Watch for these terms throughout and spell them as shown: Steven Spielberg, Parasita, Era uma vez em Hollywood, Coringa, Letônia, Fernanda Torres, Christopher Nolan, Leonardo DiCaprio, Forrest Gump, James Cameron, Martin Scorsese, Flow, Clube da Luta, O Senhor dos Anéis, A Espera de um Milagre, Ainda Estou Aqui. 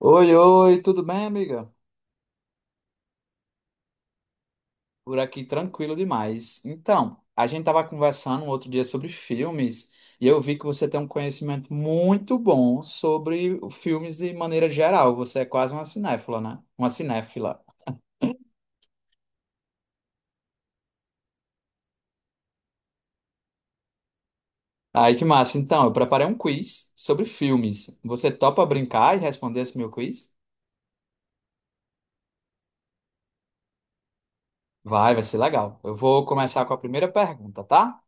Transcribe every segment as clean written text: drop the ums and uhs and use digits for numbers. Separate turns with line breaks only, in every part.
Oi, oi, tudo bem, amiga? Por aqui tranquilo demais. Então, a gente estava conversando um outro dia sobre filmes e eu vi que você tem um conhecimento muito bom sobre filmes de maneira geral. Você é quase uma cinéfila, né? Uma cinéfila. Aí que massa. Então, eu preparei um quiz sobre filmes. Você topa brincar e responder esse meu quiz? Vai ser legal. Eu vou começar com a primeira pergunta, tá?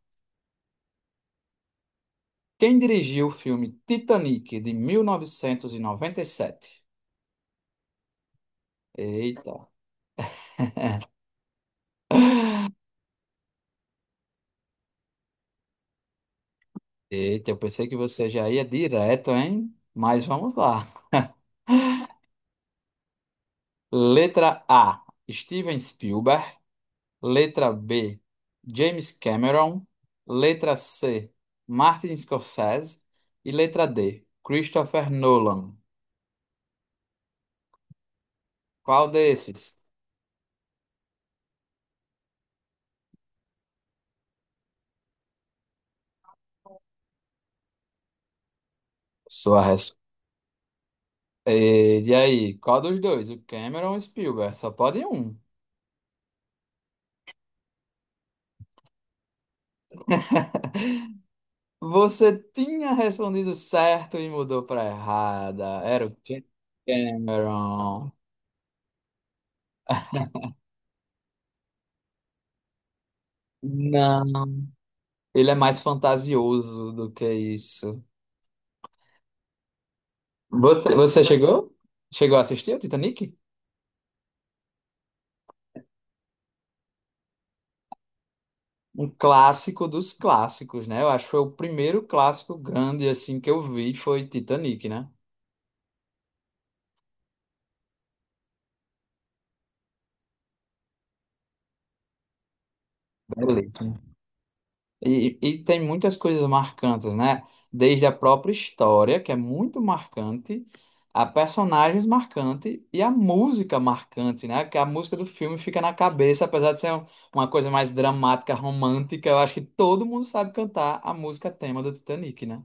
Quem dirigiu o filme Titanic de mil novecentos e noventa e sete? Eita. Eita, eu pensei que você já ia direto, hein? Mas vamos lá. Letra A, Steven Spielberg. Letra B, James Cameron. Letra C, Martin Scorsese. E letra D, Christopher Nolan. Qual desses? Sua resposta. E aí, qual dos dois? O Cameron ou o Spielberg? Só pode um. Você tinha respondido certo e mudou para errada. Era o Cameron. Não. Ele é mais fantasioso do que isso. Você chegou? Chegou a assistir o Titanic? Um clássico dos clássicos, né? Eu acho que foi o primeiro clássico grande assim que eu vi foi Titanic, né? Beleza. E tem muitas coisas marcantes, né? Desde a própria história, que é muito marcante, a personagens marcante e a música marcante, né? Que a música do filme fica na cabeça, apesar de ser uma coisa mais dramática, romântica, eu acho que todo mundo sabe cantar a música tema do Titanic, né?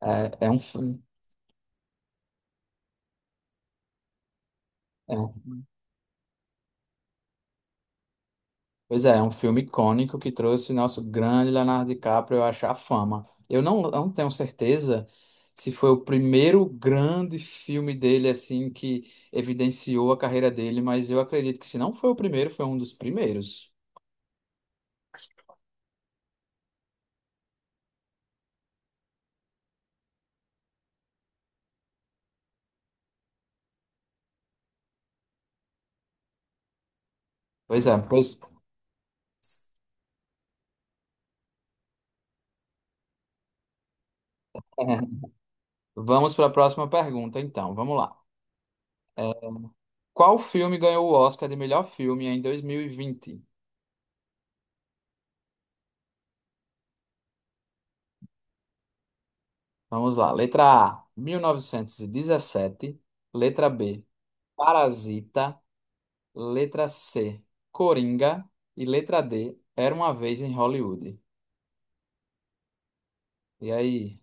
É, é um filme. Pois é, é um filme icônico que trouxe nosso grande Leonardo DiCaprio a achar fama. Eu não tenho certeza se foi o primeiro grande filme dele assim que evidenciou a carreira dele, mas eu acredito que se não foi o primeiro, foi um dos primeiros. Pois é, pois vamos para a próxima pergunta, então. Vamos lá. É, qual filme ganhou o Oscar de melhor filme em 2020. Vamos lá. Letra A, 1917. Letra B, Parasita. Letra C, Coringa. E letra D, Era uma vez em Hollywood. E aí?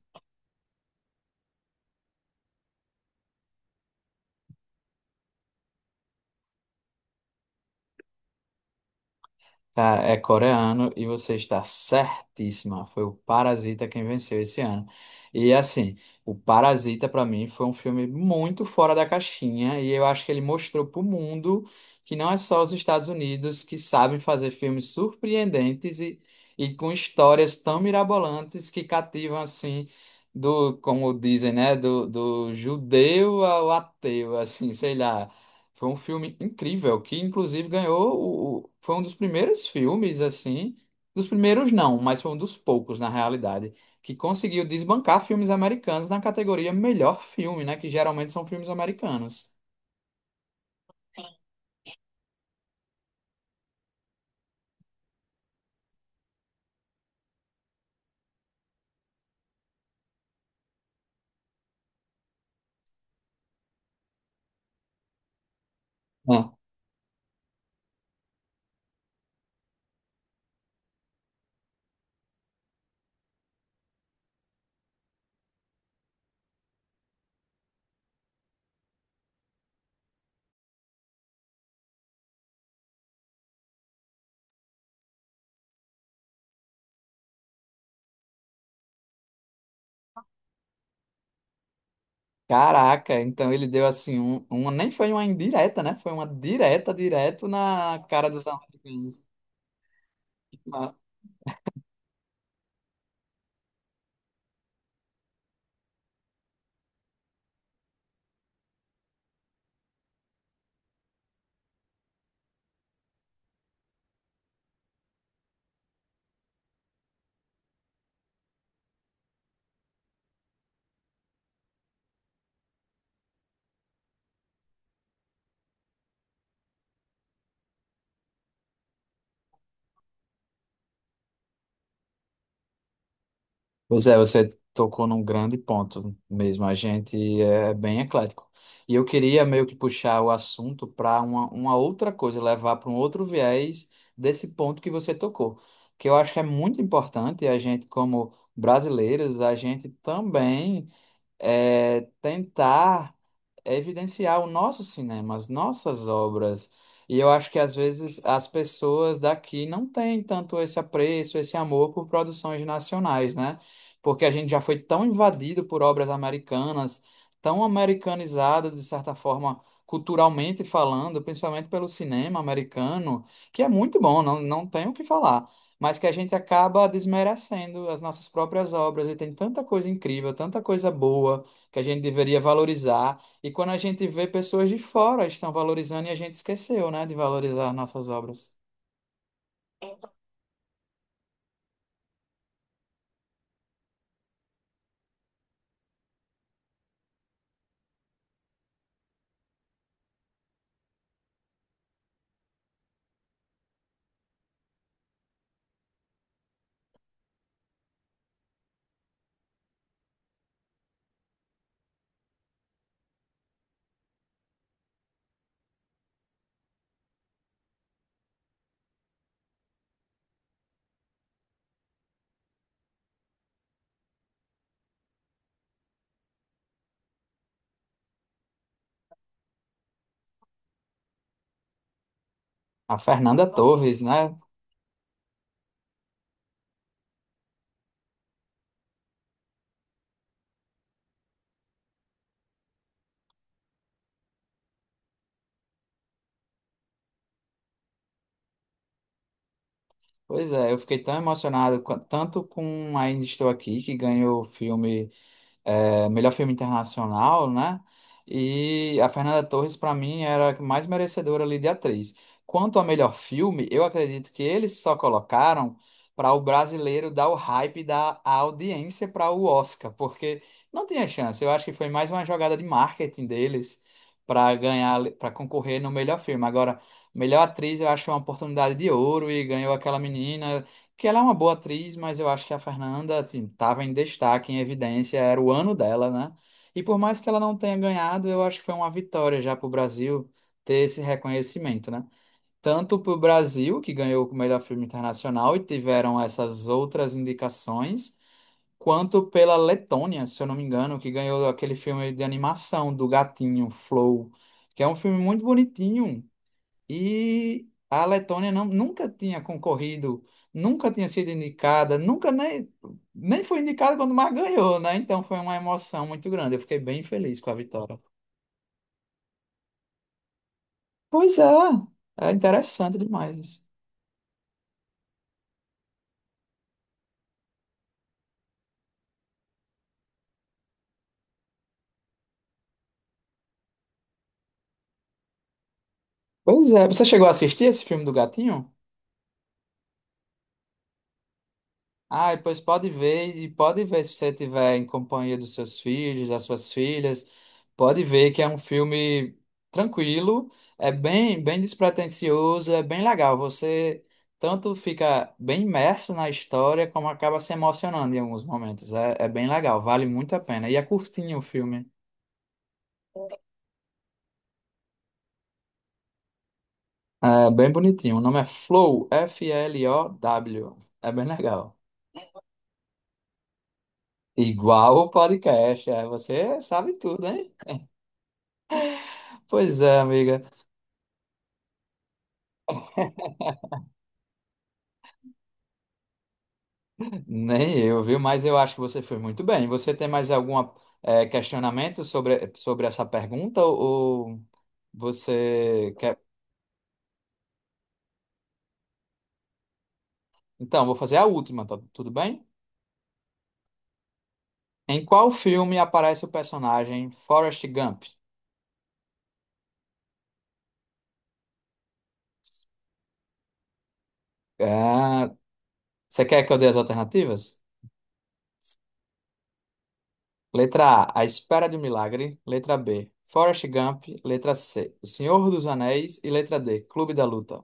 Cara, é coreano e você está certíssima. Foi o Parasita quem venceu esse ano. E assim, o Parasita pra mim foi um filme muito fora da caixinha e eu acho que ele mostrou pro mundo que não é só os Estados Unidos que sabem fazer filmes surpreendentes e com histórias tão mirabolantes que cativam assim do, como dizem, né, do judeu ao ateu, assim, sei lá. Foi um filme incrível, que inclusive ganhou foi um dos primeiros filmes assim, dos primeiros não, mas foi um dos poucos na realidade, que conseguiu desbancar filmes americanos na categoria melhor filme, né, que geralmente são filmes americanos. Ah. Caraca, então ele deu assim um, uma nem foi uma indireta, né? Foi uma direta direto na cara dos americanos. Pois é, você tocou num grande ponto mesmo. A gente é bem eclético. E eu queria meio que puxar o assunto para uma outra coisa, levar para um outro viés desse ponto que você tocou, que eu acho que é muito importante a gente, como brasileiros, a gente também tentar evidenciar o nosso cinema, as nossas obras. E eu acho que às vezes as pessoas daqui não têm tanto esse apreço, esse amor por produções nacionais, né? Porque a gente já foi tão invadido por obras americanas, tão americanizado, de certa forma, culturalmente falando, principalmente pelo cinema americano, que é muito bom, não tenho o que falar. Mas que a gente acaba desmerecendo as nossas próprias obras, e tem tanta coisa incrível, tanta coisa boa que a gente deveria valorizar. E quando a gente vê pessoas de fora estão valorizando e a gente esqueceu, né, de valorizar nossas obras. A Fernanda Torres, né? Pois é, eu fiquei tão emocionado, tanto com Ainda Estou Aqui, que ganhou o filme melhor filme internacional, né? E a Fernanda Torres, para mim, era a que mais merecedora ali de atriz. Quanto ao melhor filme, eu acredito que eles só colocaram para o brasileiro dar o hype da a audiência para o Oscar, porque não tinha chance. Eu acho que foi mais uma jogada de marketing deles para ganhar, para concorrer no melhor filme. Agora, melhor atriz, eu acho uma oportunidade de ouro e ganhou aquela menina que ela é uma boa atriz, mas eu acho que a Fernanda, assim, estava em destaque, em evidência, era o ano dela, né? E por mais que ela não tenha ganhado, eu acho que foi uma vitória já para o Brasil ter esse reconhecimento, né? Tanto para o Brasil, que ganhou o melhor filme internacional e tiveram essas outras indicações, quanto pela Letônia, se eu não me engano, que ganhou aquele filme de animação do gatinho, Flow, que é um filme muito bonitinho, e a Letônia não, nunca tinha concorrido, nunca tinha sido indicada, nunca nem foi indicada quando mais ganhou, né? Então foi uma emoção muito grande. Eu fiquei bem feliz com a vitória. Pois é, é interessante demais. Isso. Pois é, você chegou a assistir esse filme do Gatinho? Ah, e pois pode ver, e pode ver se você estiver em companhia dos seus filhos, das suas filhas, pode ver que é um filme tranquilo, é bem, bem despretensioso, é bem legal. Você tanto fica bem imerso na história, como acaba se emocionando em alguns momentos. É, é bem legal, vale muito a pena. E é curtinho o filme, é bem bonitinho. O nome é Flow, Flow. É bem legal. Igual o podcast, é, você sabe tudo, hein? Pois é, amiga. Nem eu, viu? Mas eu acho que você foi muito bem. Você tem mais algum questionamento sobre essa pergunta? Ou você quer. Então, vou fazer a última, tá tudo bem? Em qual filme aparece o personagem Forrest Gump? Ah, você quer que eu dê as alternativas? Letra A Espera de um Milagre. Letra B, Forrest Gump. Letra C, O Senhor dos Anéis. E letra D, Clube da Luta.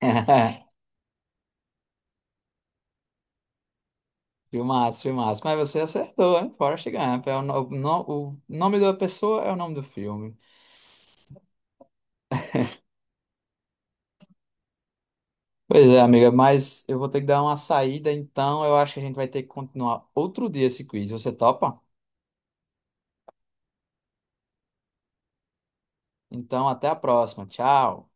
Filmaço, filmaço. Mas você acertou, hein? Forrest Gump. É o, no- o no- o nome da pessoa é o nome do filme. Pois é, amiga, mas eu vou ter que dar uma saída, então eu acho que a gente vai ter que continuar outro dia esse quiz. Você topa? Então, até a próxima. Tchau.